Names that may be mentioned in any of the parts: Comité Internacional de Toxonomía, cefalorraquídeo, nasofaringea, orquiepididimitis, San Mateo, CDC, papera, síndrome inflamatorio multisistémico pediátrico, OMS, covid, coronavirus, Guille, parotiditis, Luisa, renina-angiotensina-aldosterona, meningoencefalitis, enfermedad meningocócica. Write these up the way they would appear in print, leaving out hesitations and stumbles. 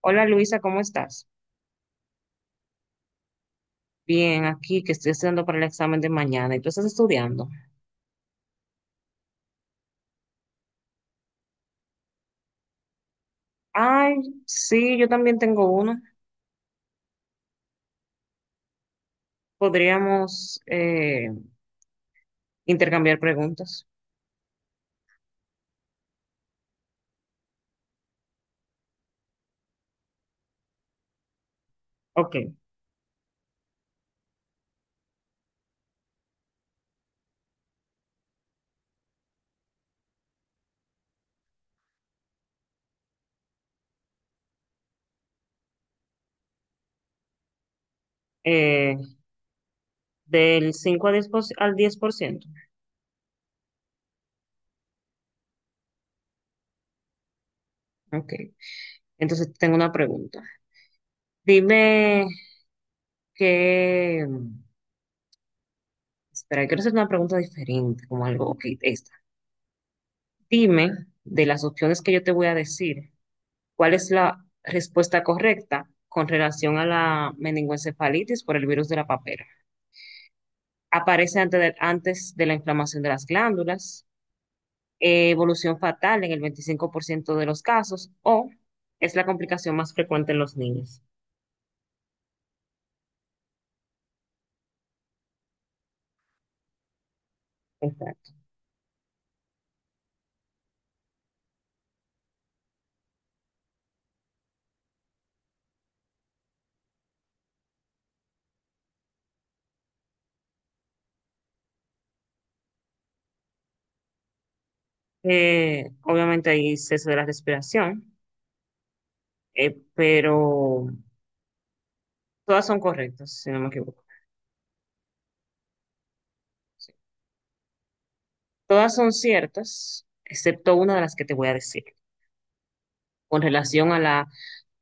Hola Luisa, ¿cómo estás? Bien, aquí que estoy estudiando para el examen de mañana. ¿Y tú estás estudiando? Ay, sí, yo también tengo uno. Podríamos intercambiar preguntas. Ok. eh, del 5 a 10 por- al 10%. Ok. Entonces tengo una pregunta. Dime que... Espera, quiero hacer una pregunta diferente, Ok, esta. Dime de las opciones que yo te voy a decir. ¿Cuál es la respuesta correcta con relación a la meningoencefalitis por el virus de la papera? Aparece antes de la inflamación de las glándulas, evolución fatal en el 25% de los casos o es la complicación más frecuente en los niños. Exacto. Obviamente hay cese de la respiración, pero todas son correctas, si no me equivoco. Sí. Todas son ciertas, excepto una de las que te voy a decir. Con relación a la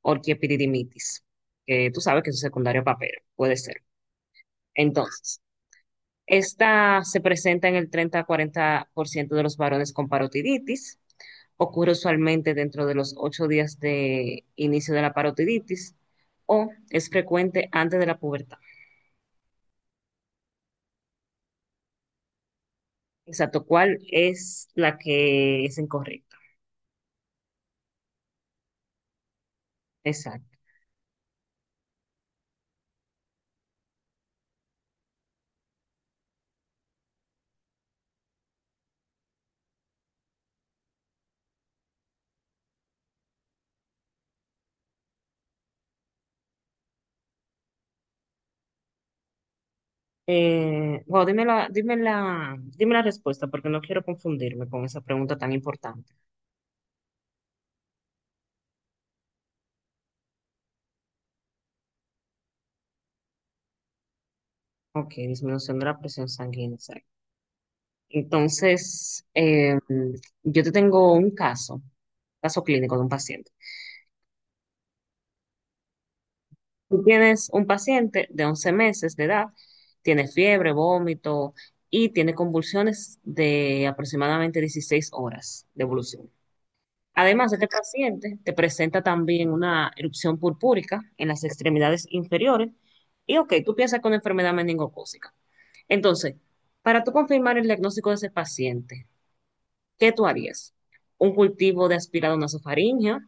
orquiepididimitis, que tú sabes que es un secundario a papero, puede ser. Entonces, esta se presenta en el 30-40% de los varones con parotiditis, ocurre usualmente dentro de los 8 días de inicio de la parotiditis o es frecuente antes de la pubertad. Exacto, ¿cuál es la que es incorrecta? Exacto. Bueno, dime la respuesta porque no quiero confundirme con esa pregunta tan importante. Ok, disminución de la presión sanguínea. Exacto. Entonces, yo te tengo un caso, caso clínico de un paciente. Tú tienes un paciente de 11 meses de edad, tiene fiebre, vómito y tiene convulsiones de aproximadamente 16 horas de evolución. Además, este paciente te presenta también una erupción purpúrica en las extremidades inferiores y, ok, tú piensas con enfermedad meningocócica. Entonces, para tú confirmar el diagnóstico de ese paciente, ¿qué tú harías? ¿Un cultivo de aspirado nasofaringea?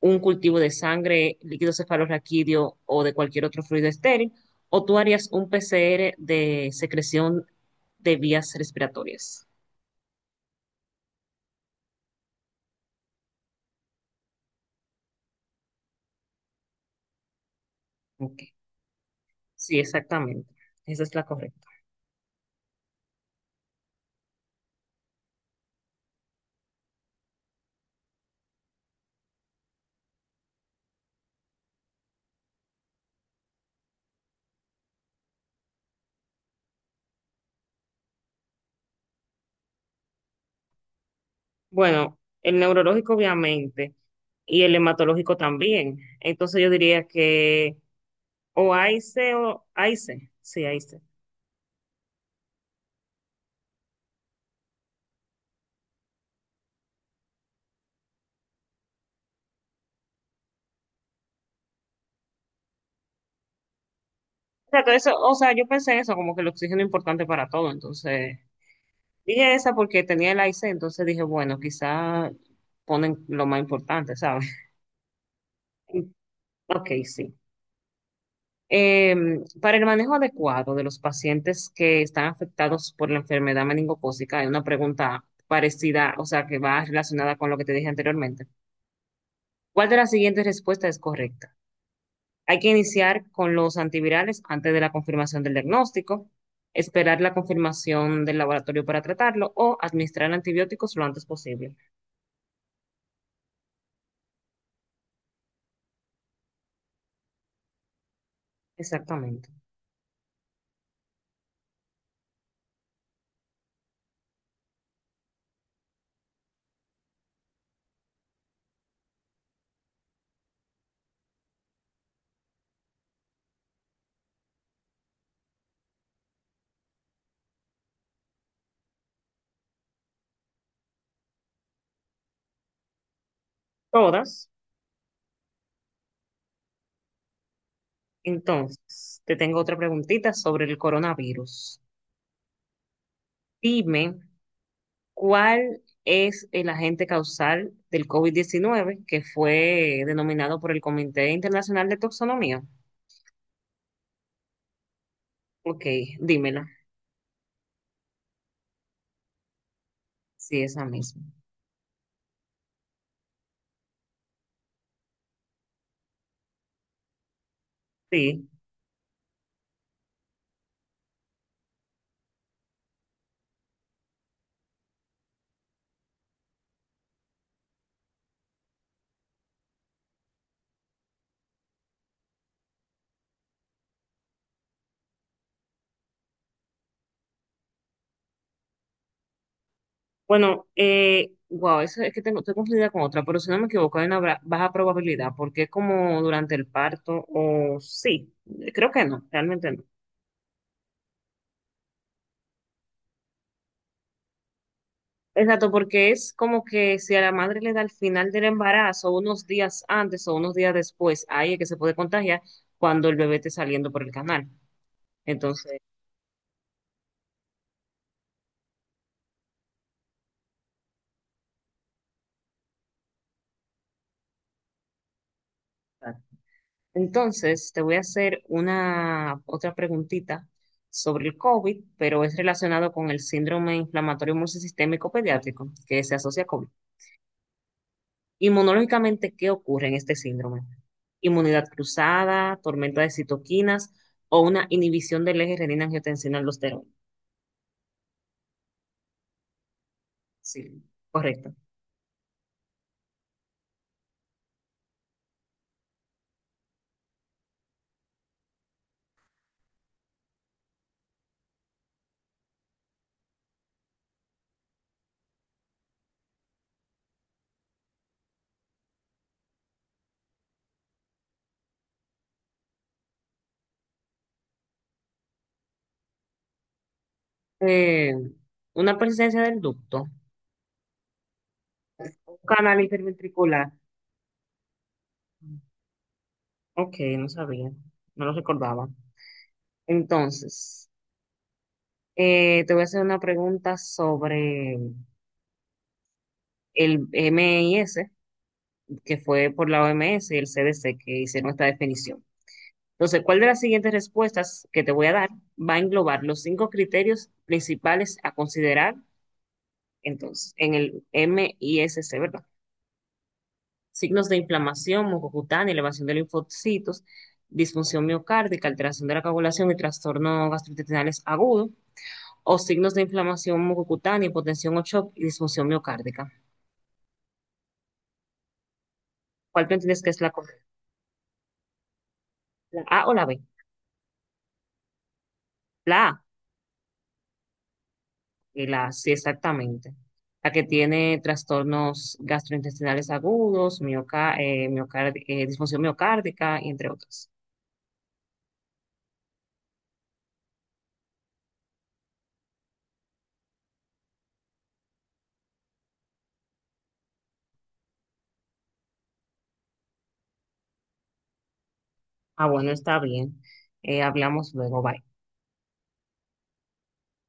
¿Un cultivo de sangre, líquido cefalorraquídeo o de cualquier otro fluido estéril? ¿O tú harías un PCR de secreción de vías respiratorias? Ok. Sí, exactamente. Esa es la correcta. Bueno, el neurológico obviamente y el hematológico también. Entonces yo diría que o AIC o AIC, sí, AIC. Exacto, eso, o sea, yo pensé en eso, como que el oxígeno es importante para todo, entonces dije esa porque tenía el IC, entonces dije, bueno, quizá ponen lo más importante, ¿sabes? Ok, sí. Eh, para el manejo adecuado de los pacientes que están afectados por la enfermedad meningocócica, hay una pregunta parecida, o sea, que va relacionada con lo que te dije anteriormente. ¿Cuál de las siguientes respuestas es correcta? Hay que iniciar con los antivirales antes de la confirmación del diagnóstico, esperar la confirmación del laboratorio para tratarlo o administrar antibióticos lo antes posible. Exactamente. Todas. Entonces, te tengo otra preguntita sobre el coronavirus. Dime, ¿cuál es el agente causal del COVID diecinueve que fue denominado por el Comité Internacional de Toxonomía? Ok, dímela. Sí, esa misma. Sí. Bueno, wow, eso es que tengo, estoy confundida con otra, pero si no me equivoco, hay una baja probabilidad, porque es como durante el parto, o sí, creo que no, realmente no. Exacto, porque es como que si a la madre le da al final del embarazo, unos días antes o unos días después, ahí es que se puede contagiar cuando el bebé esté saliendo por el canal. Entonces. Exacto. Entonces te voy a hacer una otra preguntita sobre el COVID, pero es relacionado con el síndrome inflamatorio multisistémico pediátrico que se asocia a COVID. Inmunológicamente, ¿qué ocurre en este síndrome? Inmunidad cruzada, tormenta de citoquinas o una inhibición del eje renina-angiotensina-aldosterona. Sí, correcto. Eh, una presencia del ducto, canal interventricular. Ok, no sabía, no lo recordaba. Entonces, te voy a hacer una pregunta sobre el MIS, que fue por la OMS y el CDC que hicieron esta definición. Entonces, ¿cuál de las siguientes respuestas que te voy a dar va a englobar los cinco criterios principales a considerar entonces en el MISC, ¿verdad? Signos de inflamación, mucocutánea, elevación de linfocitos, disfunción miocárdica, alteración de la coagulación y trastorno gastrointestinales agudo, o signos de inflamación mucocutánea, hipotensión o shock y disfunción miocárdica. ¿Cuál tú entiendes que es la correcta? ¿La A o la B? La A y la A, sí, exactamente. La que tiene trastornos gastrointestinales agudos, disfunción miocárdica, entre otros. Ah, bueno, está bien. Hablamos luego. Bye.